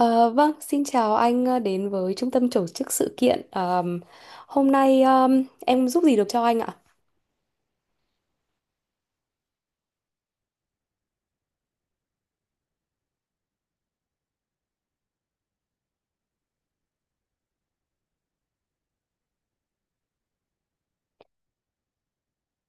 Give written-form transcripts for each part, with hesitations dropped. Ờ, vâng, Xin chào anh, đến với trung tâm tổ chức sự kiện. Hôm nay em giúp gì được cho anh ạ?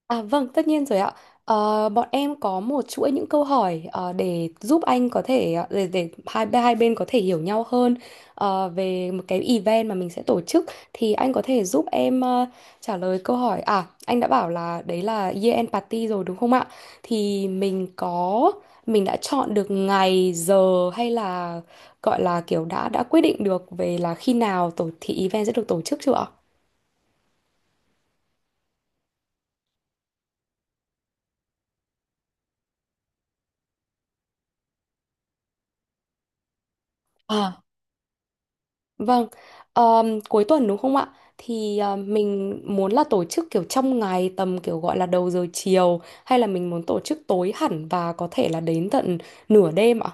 À vâng, tất nhiên rồi ạ. Bọn em có một chuỗi những câu hỏi để giúp anh có thể để hai hai bên có thể hiểu nhau hơn về một cái event mà mình sẽ tổ chức, thì anh có thể giúp em trả lời câu hỏi. À, anh đã bảo là đấy là year end party rồi đúng không ạ? Thì mình có, mình đã chọn được ngày giờ hay là gọi là kiểu đã quyết định được về là khi nào tổ thì event sẽ được tổ chức chưa ạ? Vâng, cuối tuần đúng không ạ? Thì mình muốn là tổ chức kiểu trong ngày tầm kiểu gọi là đầu giờ chiều hay là mình muốn tổ chức tối hẳn và có thể là đến tận nửa đêm ạ?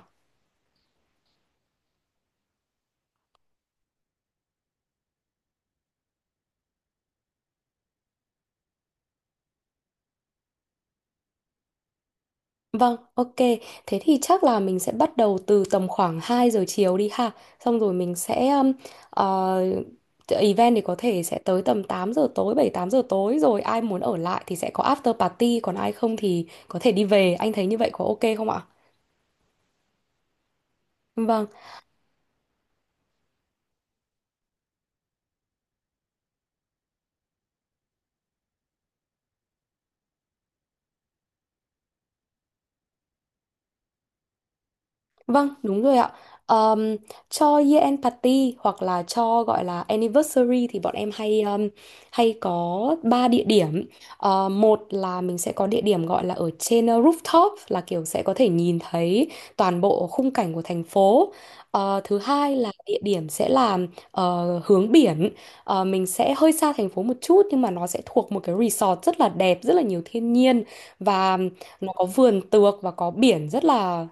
Vâng, ok. Thế thì chắc là mình sẽ bắt đầu từ tầm khoảng 2 giờ chiều đi ha. Xong rồi mình sẽ ờ, event thì có thể sẽ tới tầm 8 giờ tối, 7 8 giờ tối, rồi ai muốn ở lại thì sẽ có after party, còn ai không thì có thể đi về. Anh thấy như vậy có ok không ạ? Vâng. Vâng, đúng rồi ạ. Ờm, cho year end party hoặc là cho gọi là anniversary thì bọn em hay hay có ba địa điểm. Một là mình sẽ có địa điểm gọi là ở trên rooftop, là kiểu sẽ có thể nhìn thấy toàn bộ khung cảnh của thành phố. Thứ hai là địa điểm sẽ là hướng biển. Mình sẽ hơi xa thành phố một chút nhưng mà nó sẽ thuộc một cái resort rất là đẹp, rất là nhiều thiên nhiên, và nó có vườn tược và có biển rất là,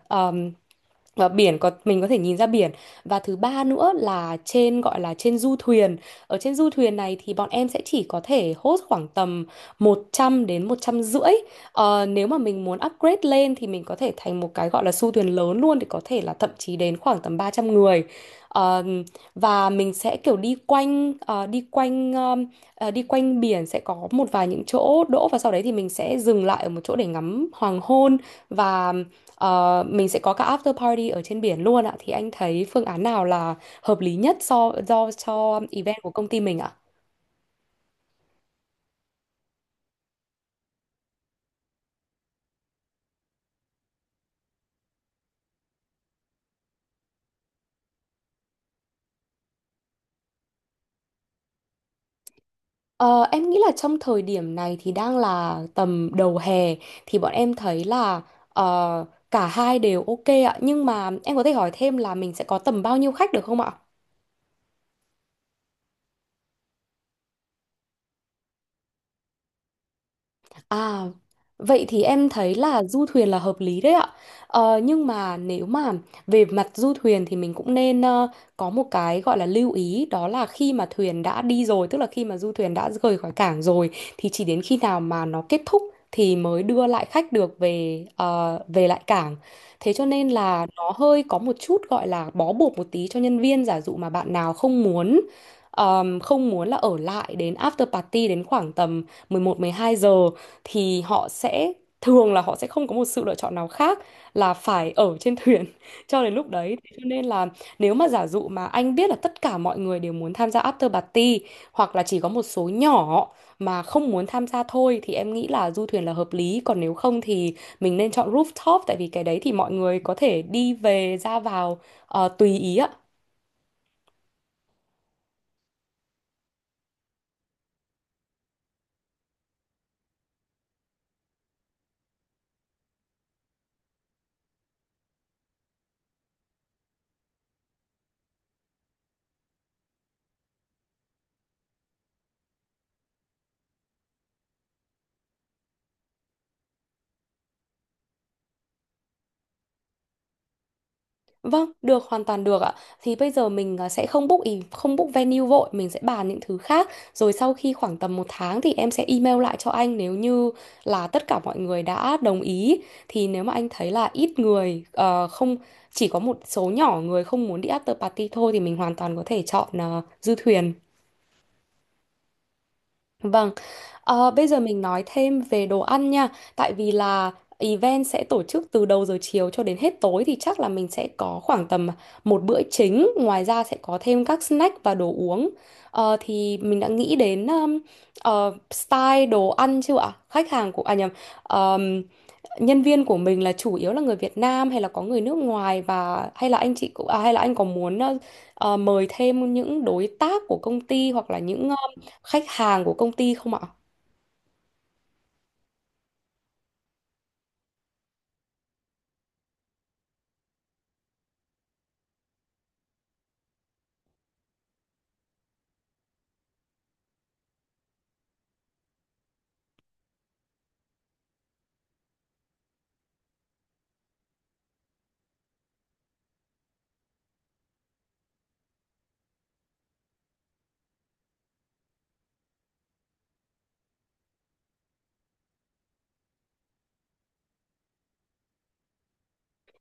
và biển có mình có thể nhìn ra biển. Và thứ ba nữa là trên gọi là trên du thuyền. Ở trên du thuyền này thì bọn em sẽ chỉ có thể host khoảng tầm 100 đến 150. Nếu mà mình muốn upgrade lên thì mình có thể thành một cái gọi là du thuyền lớn luôn, thì có thể là thậm chí đến khoảng tầm 300 người. Ờ, và mình sẽ kiểu đi quanh đi quanh biển, sẽ có một vài những chỗ đỗ và sau đấy thì mình sẽ dừng lại ở một chỗ để ngắm hoàng hôn. Và mình sẽ có cả after party ở trên biển luôn ạ. Thì anh thấy phương án nào là hợp lý nhất so do cho event của công ty mình ạ? Ờ, em nghĩ là trong thời điểm này thì đang là tầm đầu hè thì bọn em thấy là ờ, cả hai đều ok ạ. Nhưng mà em có thể hỏi thêm là mình sẽ có tầm bao nhiêu khách được không ạ? À, vậy thì em thấy là du thuyền là hợp lý đấy ạ. Nhưng mà nếu mà về mặt du thuyền thì mình cũng nên có một cái gọi là lưu ý, đó là khi mà thuyền đã đi rồi, tức là khi mà du thuyền đã rời khỏi cảng rồi, thì chỉ đến khi nào mà nó kết thúc thì mới đưa lại khách được về về lại cảng. Thế cho nên là nó hơi có một chút gọi là bó buộc một tí cho nhân viên. Giả dụ mà bạn nào không muốn không muốn là ở lại đến after party đến khoảng tầm mười một mười hai giờ, thì họ sẽ thường là họ sẽ không có một sự lựa chọn nào khác là phải ở trên thuyền cho đến lúc đấy. Thế cho nên là nếu mà giả dụ mà anh biết là tất cả mọi người đều muốn tham gia after party, hoặc là chỉ có một số nhỏ mà không muốn tham gia thôi, thì em nghĩ là du thuyền là hợp lý. Còn nếu không thì mình nên chọn rooftop, tại vì cái đấy thì mọi người có thể đi về ra vào tùy ý ạ. Vâng, được, hoàn toàn được ạ. Thì bây giờ mình à, sẽ không book ý, không book venue vội, mình sẽ bàn những thứ khác. Rồi sau khi khoảng tầm một tháng thì em sẽ email lại cho anh nếu như là tất cả mọi người đã đồng ý. Thì nếu mà anh thấy là ít người không, chỉ có một số nhỏ người không muốn đi after party thôi, thì mình hoàn toàn có thể chọn du thuyền. Vâng, bây giờ mình nói thêm về đồ ăn nha, tại vì là event sẽ tổ chức từ đầu giờ chiều cho đến hết tối thì chắc là mình sẽ có khoảng tầm một bữa chính, ngoài ra sẽ có thêm các snack và đồ uống. Thì mình đã nghĩ đến style đồ ăn chưa ạ? Khách hàng của à nhầm, nhân viên của mình là chủ yếu là người Việt Nam hay là có người nước ngoài, và hay là anh chị cũng à, hay là anh có muốn mời thêm những đối tác của công ty hoặc là những khách hàng của công ty không ạ?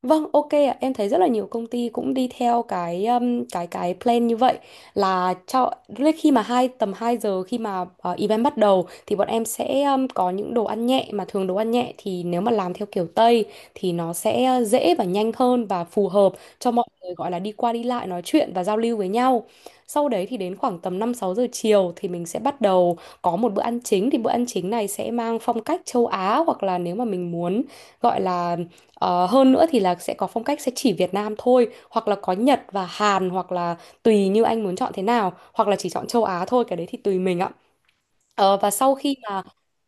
Vâng, ok ạ. Em thấy rất là nhiều công ty cũng đi theo cái cái plan như vậy, là cho lúc khi mà tầm 2 giờ khi mà event bắt đầu thì bọn em sẽ có những đồ ăn nhẹ, mà thường đồ ăn nhẹ thì nếu mà làm theo kiểu Tây thì nó sẽ dễ và nhanh hơn, và phù hợp cho mọi người gọi là đi qua đi lại nói chuyện và giao lưu với nhau. Sau đấy thì đến khoảng tầm năm sáu giờ chiều thì mình sẽ bắt đầu có một bữa ăn chính, thì bữa ăn chính này sẽ mang phong cách châu Á, hoặc là nếu mà mình muốn gọi là hơn nữa, thì là sẽ có phong cách sẽ chỉ Việt Nam thôi, hoặc là có Nhật và Hàn, hoặc là tùy như anh muốn chọn thế nào, hoặc là chỉ chọn châu Á thôi, cái đấy thì tùy mình ạ. Và sau khi mà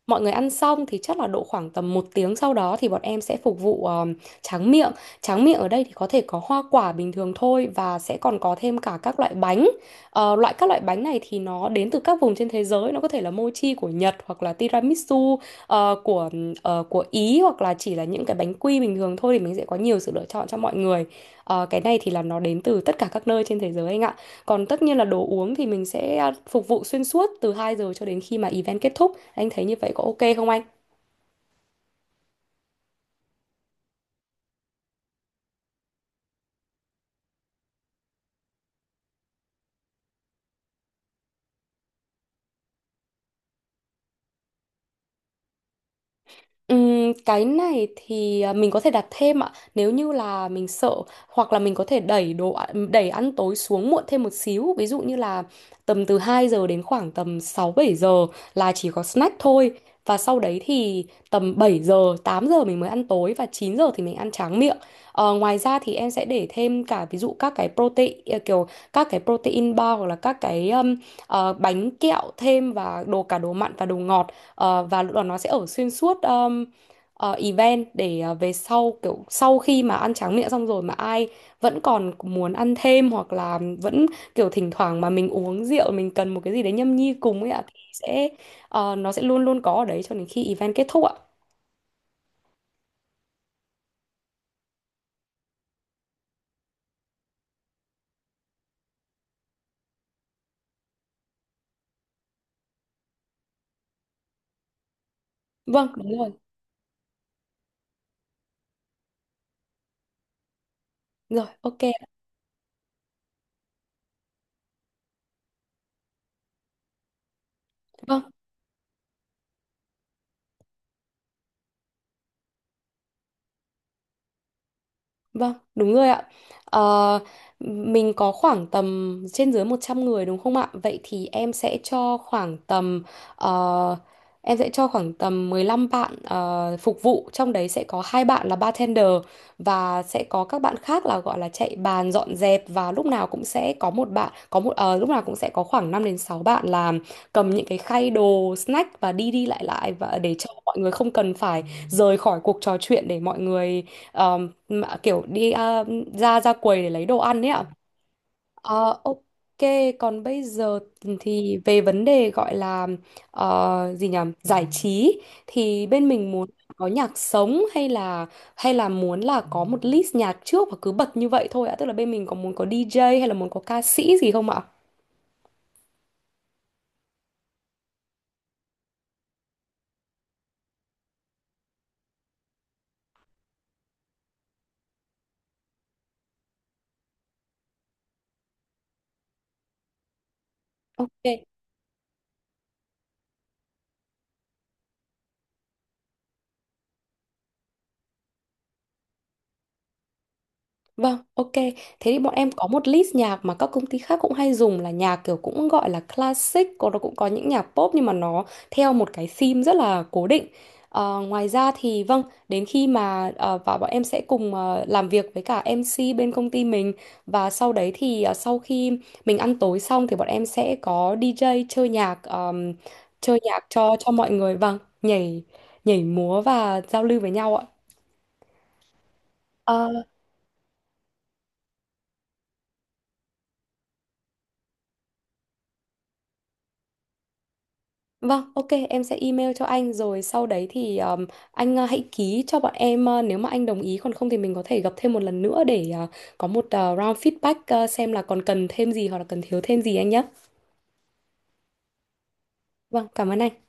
mọi người ăn xong thì chắc là độ khoảng tầm một tiếng sau đó thì bọn em sẽ phục vụ tráng miệng. Tráng miệng ở đây thì có thể có hoa quả bình thường thôi và sẽ còn có thêm cả các loại bánh. Loại các loại bánh này thì nó đến từ các vùng trên thế giới. Nó có thể là mochi của Nhật hoặc là tiramisu ờ, của của Ý, hoặc là chỉ là những cái bánh quy bình thường thôi, thì mình sẽ có nhiều sự lựa chọn cho mọi người. Cái này thì là nó đến từ tất cả các nơi trên thế giới anh ạ. Còn tất nhiên là đồ uống thì mình sẽ à, phục vụ xuyên suốt từ 2 giờ cho đến khi mà event kết thúc. Anh thấy như vậy có ok không anh? Cái này thì à, mình có thể đặt thêm ạ nếu như là mình sợ, hoặc là mình có thể đẩy đồ ạ- đẩy ăn tối xuống muộn thêm một xíu, ví dụ như là tầm từ 2 giờ đến khoảng tầm 6 7 giờ là chỉ có snack thôi, và sau đấy thì tầm 7 giờ 8 giờ mình mới ăn tối và 9 giờ thì mình ăn tráng miệng. Ngoài ra thì em sẽ để thêm cả ví dụ các cái protein à, kiểu các cái protein bar hoặc là các cái bánh kẹo thêm và đồ cả đồ mặn và đồ ngọt. Và lúc đó nó sẽ ở xuyên suốt event để về sau kiểu sau khi mà ăn tráng miệng xong rồi mà ai vẫn còn muốn ăn thêm, hoặc là vẫn kiểu thỉnh thoảng mà mình uống rượu mình cần một cái gì đấy nhâm nhi cùng ấy ạ, thì sẽ nó sẽ luôn luôn có ở đấy cho đến khi event kết thúc ạ. Vâng, đúng rồi. Rồi, ok. Vâng. Vâng, đúng rồi ạ. Ờ, mình có khoảng tầm trên dưới 100 người đúng không ạ? Vậy thì em sẽ cho khoảng tầm ờ, em sẽ cho khoảng tầm 15 bạn phục vụ, trong đấy sẽ có hai bạn là bartender, và sẽ có các bạn khác là gọi là chạy bàn dọn dẹp, và lúc nào cũng sẽ có một bạn có một lúc nào cũng sẽ có khoảng 5 đến 6 bạn là cầm những cái khay đồ snack và đi đi lại lại, và để cho mọi người không cần phải rời khỏi cuộc trò chuyện để mọi người mà kiểu đi à, ra ra quầy để lấy đồ ăn ấy ạ. Ok, còn bây giờ thì về vấn đề gọi là gì nhỉ? Giải trí thì bên mình muốn có nhạc sống hay là muốn là có một list nhạc trước và cứ bật như vậy thôi ạ. Tức là bên mình có muốn có DJ hay là muốn có ca sĩ gì không ạ? Ok. Vâng, ok. Thế thì bọn em có một list nhạc mà các công ty khác cũng hay dùng, là nhạc kiểu cũng gọi là classic, còn nó cũng có những nhạc pop nhưng mà nó theo một cái theme rất là cố định. Ngoài ra thì vâng, đến khi mà và bọn em sẽ cùng làm việc với cả MC bên công ty mình, và sau đấy thì sau khi mình ăn tối xong thì bọn em sẽ có DJ chơi nhạc cho mọi người vâng, nhảy nhảy múa và giao lưu với nhau ạ. Vâng, ok, em sẽ email cho anh rồi sau đấy thì anh hãy ký cho bọn em, nếu mà anh đồng ý, còn không thì mình có thể gặp thêm một lần nữa để có một round feedback, xem là còn cần thêm gì hoặc là cần thiếu thêm gì anh nhé. Vâng, cảm ơn anh.